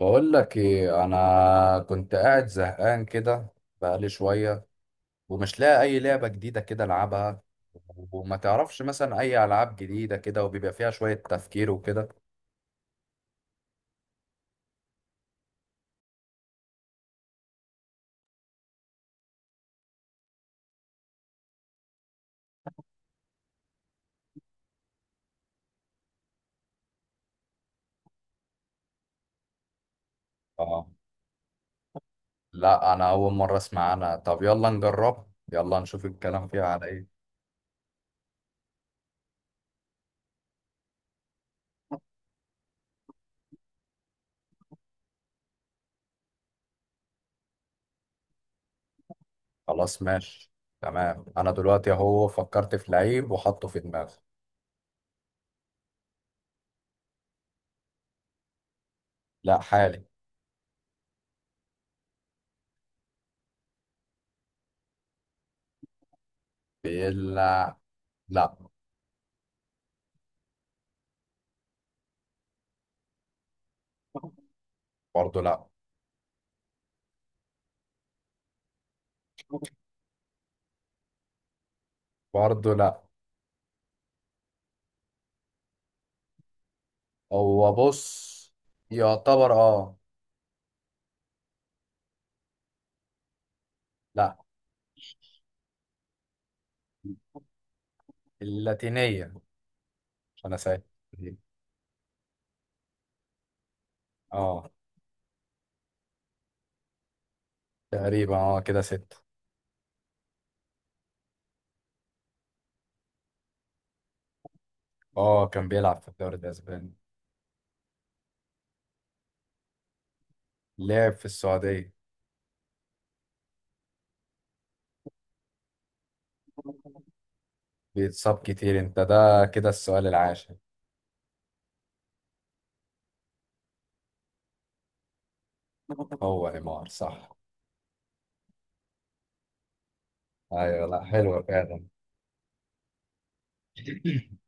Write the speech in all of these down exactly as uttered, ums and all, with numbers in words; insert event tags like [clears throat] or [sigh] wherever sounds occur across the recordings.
بقول لك ايه، انا كنت قاعد زهقان كده بقالي شويه، ومش لاقي اي لعبه جديده كده العبها، وما تعرفش مثلا اي العاب جديده كده وبيبقى فيها شويه تفكير وكده. اه، لا انا اول مره اسمع عنها. طب يلا نجرب، يلا نشوف الكلام فيها على ايه. خلاص ماشي. تمام، انا دلوقتي اهو فكرت في لعيب وحطه في دماغي. لا حالي. بيلعب. لا. برضه لا. برضه لا. هو بص، يعتبر اه. لا. اللاتينية، مش أنا سايق. اه. تقريبا اه كده ستة. اه، كان بيلعب في الدوري الأسباني. لعب في السعودية. بيتصاب كتير. انت ده كده السؤال العاشر. هو نيمار صح. ايوه. لا، حلوة فعلا. [clears throat]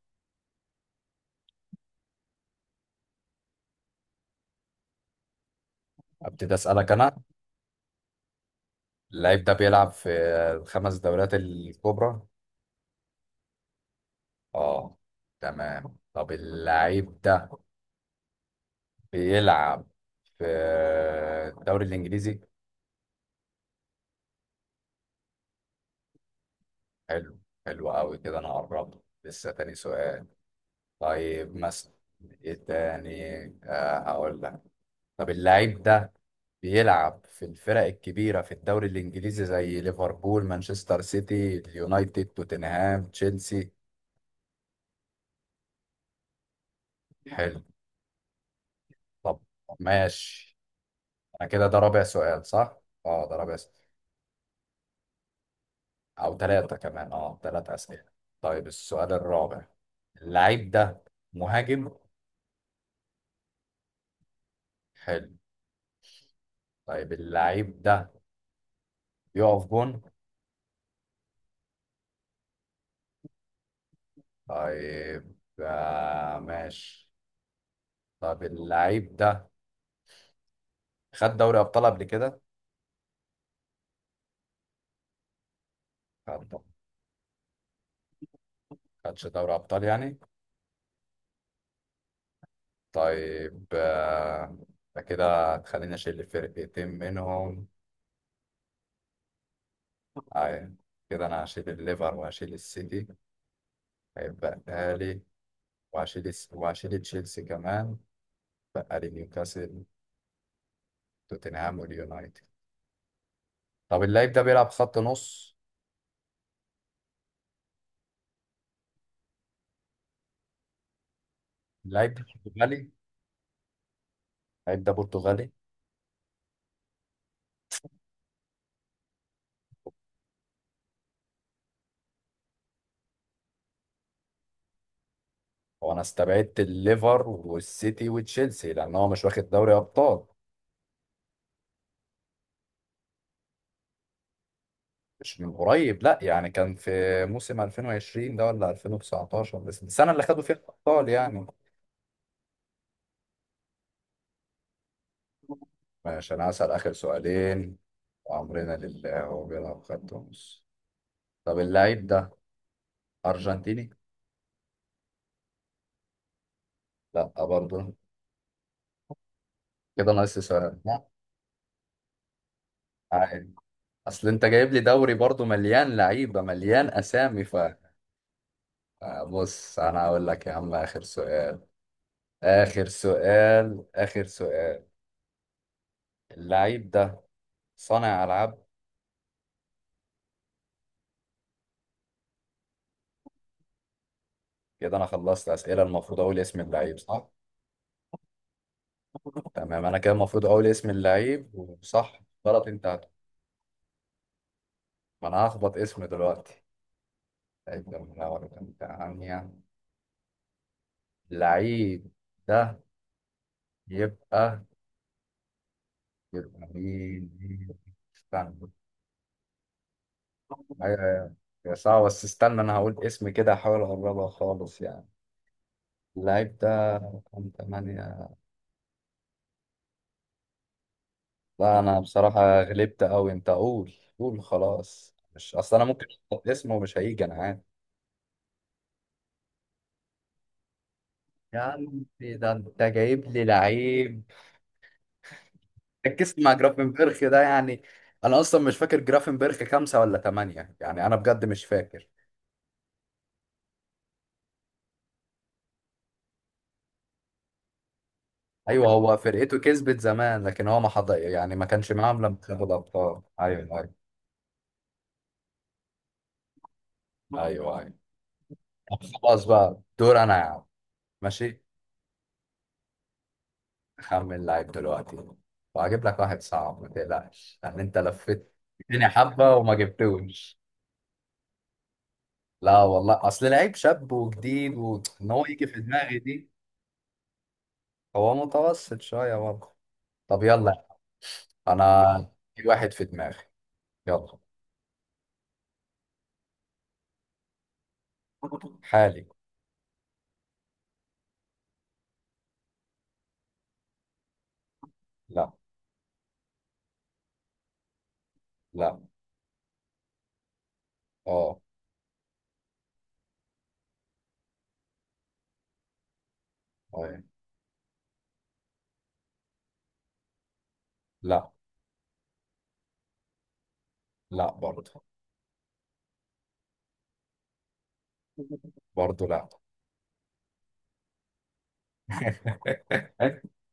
ابتدي اسألك انا. اللعيب ده بيلعب في الخمس دوريات الكبرى. اه. تمام، طب اللعيب ده بيلعب في الدوري الانجليزي. حلو، حلو قوي. كده انا قربت، لسه تاني سؤال. طيب مثلا، ايه تاني؟ آه هقول لك. طب اللعيب ده بيلعب في الفرق الكبيرة في الدوري الإنجليزي زي ليفربول، مانشستر سيتي، اليونايتد، توتنهام، تشيلسي. حلو. طب ماشي. أنا كده ده رابع سؤال صح؟ اه ده رابع سؤال. أو ثلاثة كمان، اه ثلاثة أسئلة. طيب السؤال الرابع، اللعيب ده مهاجم. حلو. طيب اللعيب ده بيقف جون. طيب آه ماشي. طب اللعيب ده خد دوري ابطال قبل كده؟ خد، خدش دوري ابطال يعني؟ طيب آه، ده كده هتخليني اشيل فرقتين منهم. أيوة. كده انا هشيل الليفر وهشيل السيتي، هيبقى لي، وهشيل الس- وهشيل تشيلسي كمان. بقى لي نيوكاسل، توتنهام واليونايتد. طب اللعيب ده بيلعب خط نص. اللعيب ده برتغالي؟ اللعيب ده برتغالي. هو انا استبعدت الليفر والسيتي وتشيلسي لان هو مش واخد دوري ابطال. مش من قريب، لا، يعني كان في موسم ألفين وعشرين ده ولا ألفين وتسعة عشر، بس السنة اللي خدوا فيها الأبطال يعني. ماشي، أنا هسأل آخر سؤالين وأمرنا لله. هو بيلعب خط نص. طب اللعيب ده أرجنتيني؟ لا برضه. كده ناقص لي سؤال. لا عادي، أصل أنت جايب لي دوري برضه مليان لعيبة، مليان أسامي. ف آه، بص أنا هقول لك يا عم، آخر سؤال، آخر سؤال، آخر سؤال. اللعيب ده صانع ألعاب. كده انا خلصت اسئله، المفروض اقول اسم اللعيب صح. تمام انا كده المفروض اقول اسم اللعيب وصح. غلط. انت هت- ما انا هخبط اسمه دلوقتي. لعيب ده من الأول، كان بتاع عنيا. اللعيب ده يبقى، يبقى مين مين؟ استنى. ايوه ايوه، يا صعب، بس استنى انا هقول اسم كده، احاول اقربها خالص يعني. اللعيب ده كان تمانية. لا انا بصراحه غلبت قوي، انت قول. قول خلاص، مش اصل انا ممكن احط اسمه ومش هيجي، انا عارف. يا عم ده انت جايب لي لعيب، ركزت مع جرافنبرخ ده يعني. انا اصلا مش فاكر جرافنبرخ خمسة ولا ثمانية يعني، انا بجد مش فاكر. ايوه هو فرقته كسبت زمان، لكن هو ما حضر يعني، ما كانش معاهم لما خدوا الابطال. ايوه ايوه ايوه ايوه طب خلاص بقى دور انا يا عم. ماشي، اخمن لعيب دلوقتي. وهجيب لك واحد صعب ما تقلقش، يعني انت لفيت الدنيا حبه وما جبتوش. لا والله، اصل لعيب شاب وجديد، وان هو يجي في دماغي دي. هو متوسط شوية برضه. طب يلا. أنا في واحد في دماغي. يلا. حالي. لا. لا. اه. اه. لا. لا برضه. برضه لا. [laughs]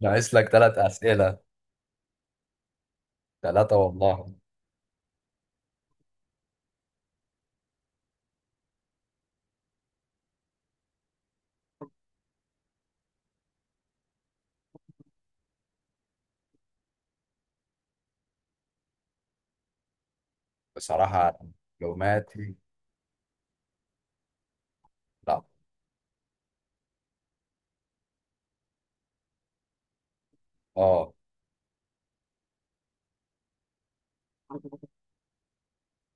ناقص لك ثلاث أسئلة. ثلاثة والله. بصراحة معلوماتي. لا. اه.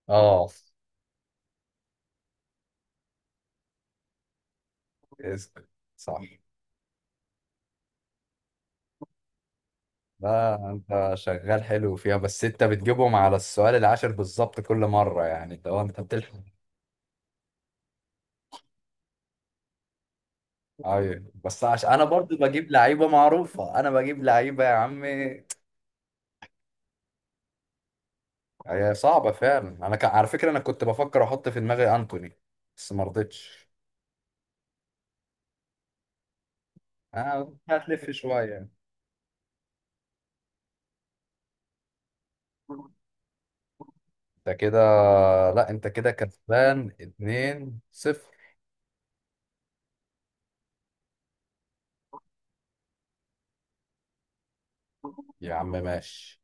اه اسأل. صح. لا انت شغال حلو فيها، بس انت بتجيبهم على السؤال العاشر بالظبط كل مرة، يعني لو انت بتلحق. ايوه، بس عشان انا برضو بجيب لعيبه معروفه، انا بجيب لعيبه يا عم. هي صعبه فعلا. انا ك... على فكره انا كنت بفكر احط في دماغي انتوني، بس ما رضيتش. انا هتلف شويه. انت كده، لا انت كده كسبان اتنين صفر. يا عم ماشي.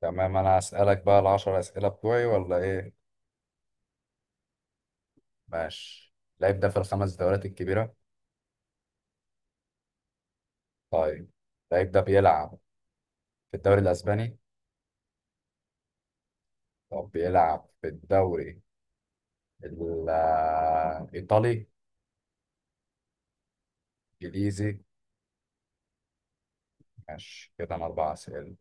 تمام، انا هسألك بقى العشر اسئله بتوعي ولا ايه؟ ماشي، اللعيب ده في الخمس دوريات الكبيره. طيب اللعيب ده بيلعب في الدوري الاسباني. طب بيلعب في الدوري ال- الإيطالي؟ إنجليزي. ماشي كده أنا أربع أسئلة.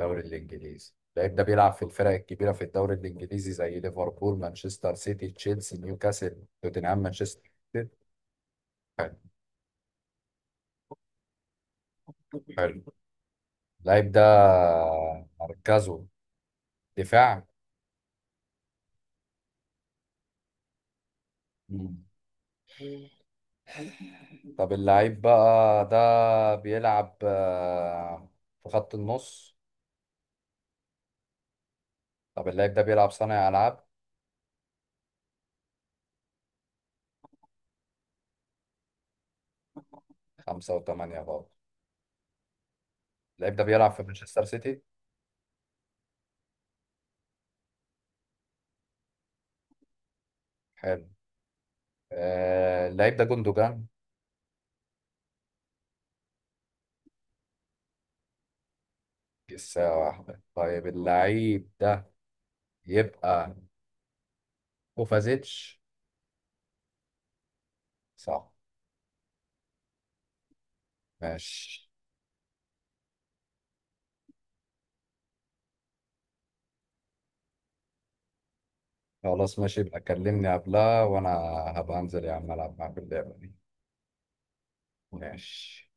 الدوري الإنجليزي، اللعيب ده بيلعب في الفرق الكبيرة في الدوري الإنجليزي زي ليفربول، مانشستر سيتي، تشيلسي، نيوكاسل، توتنهام، مانشستر سيتي. حلو، حلو. اللعيب ده مركزه دفاع. مم. طب اللعيب بقى ده بيلعب آه، في خط النص. طب اللعيب ده بيلعب صانع ألعاب. خمسة وثمانية برضه. اللعيب ده بيلعب في مانشستر سيتي. حلو. آه، اللعيب ده جندوجان. لسه واحدة. طيب اللعيب ده يبقى كوفازيتش. صح. ماشي. خلاص ماشي، يبقى كلمني قبلها وانا هبقى انزل يا عم العب معاك اللعبة دي. ماشي.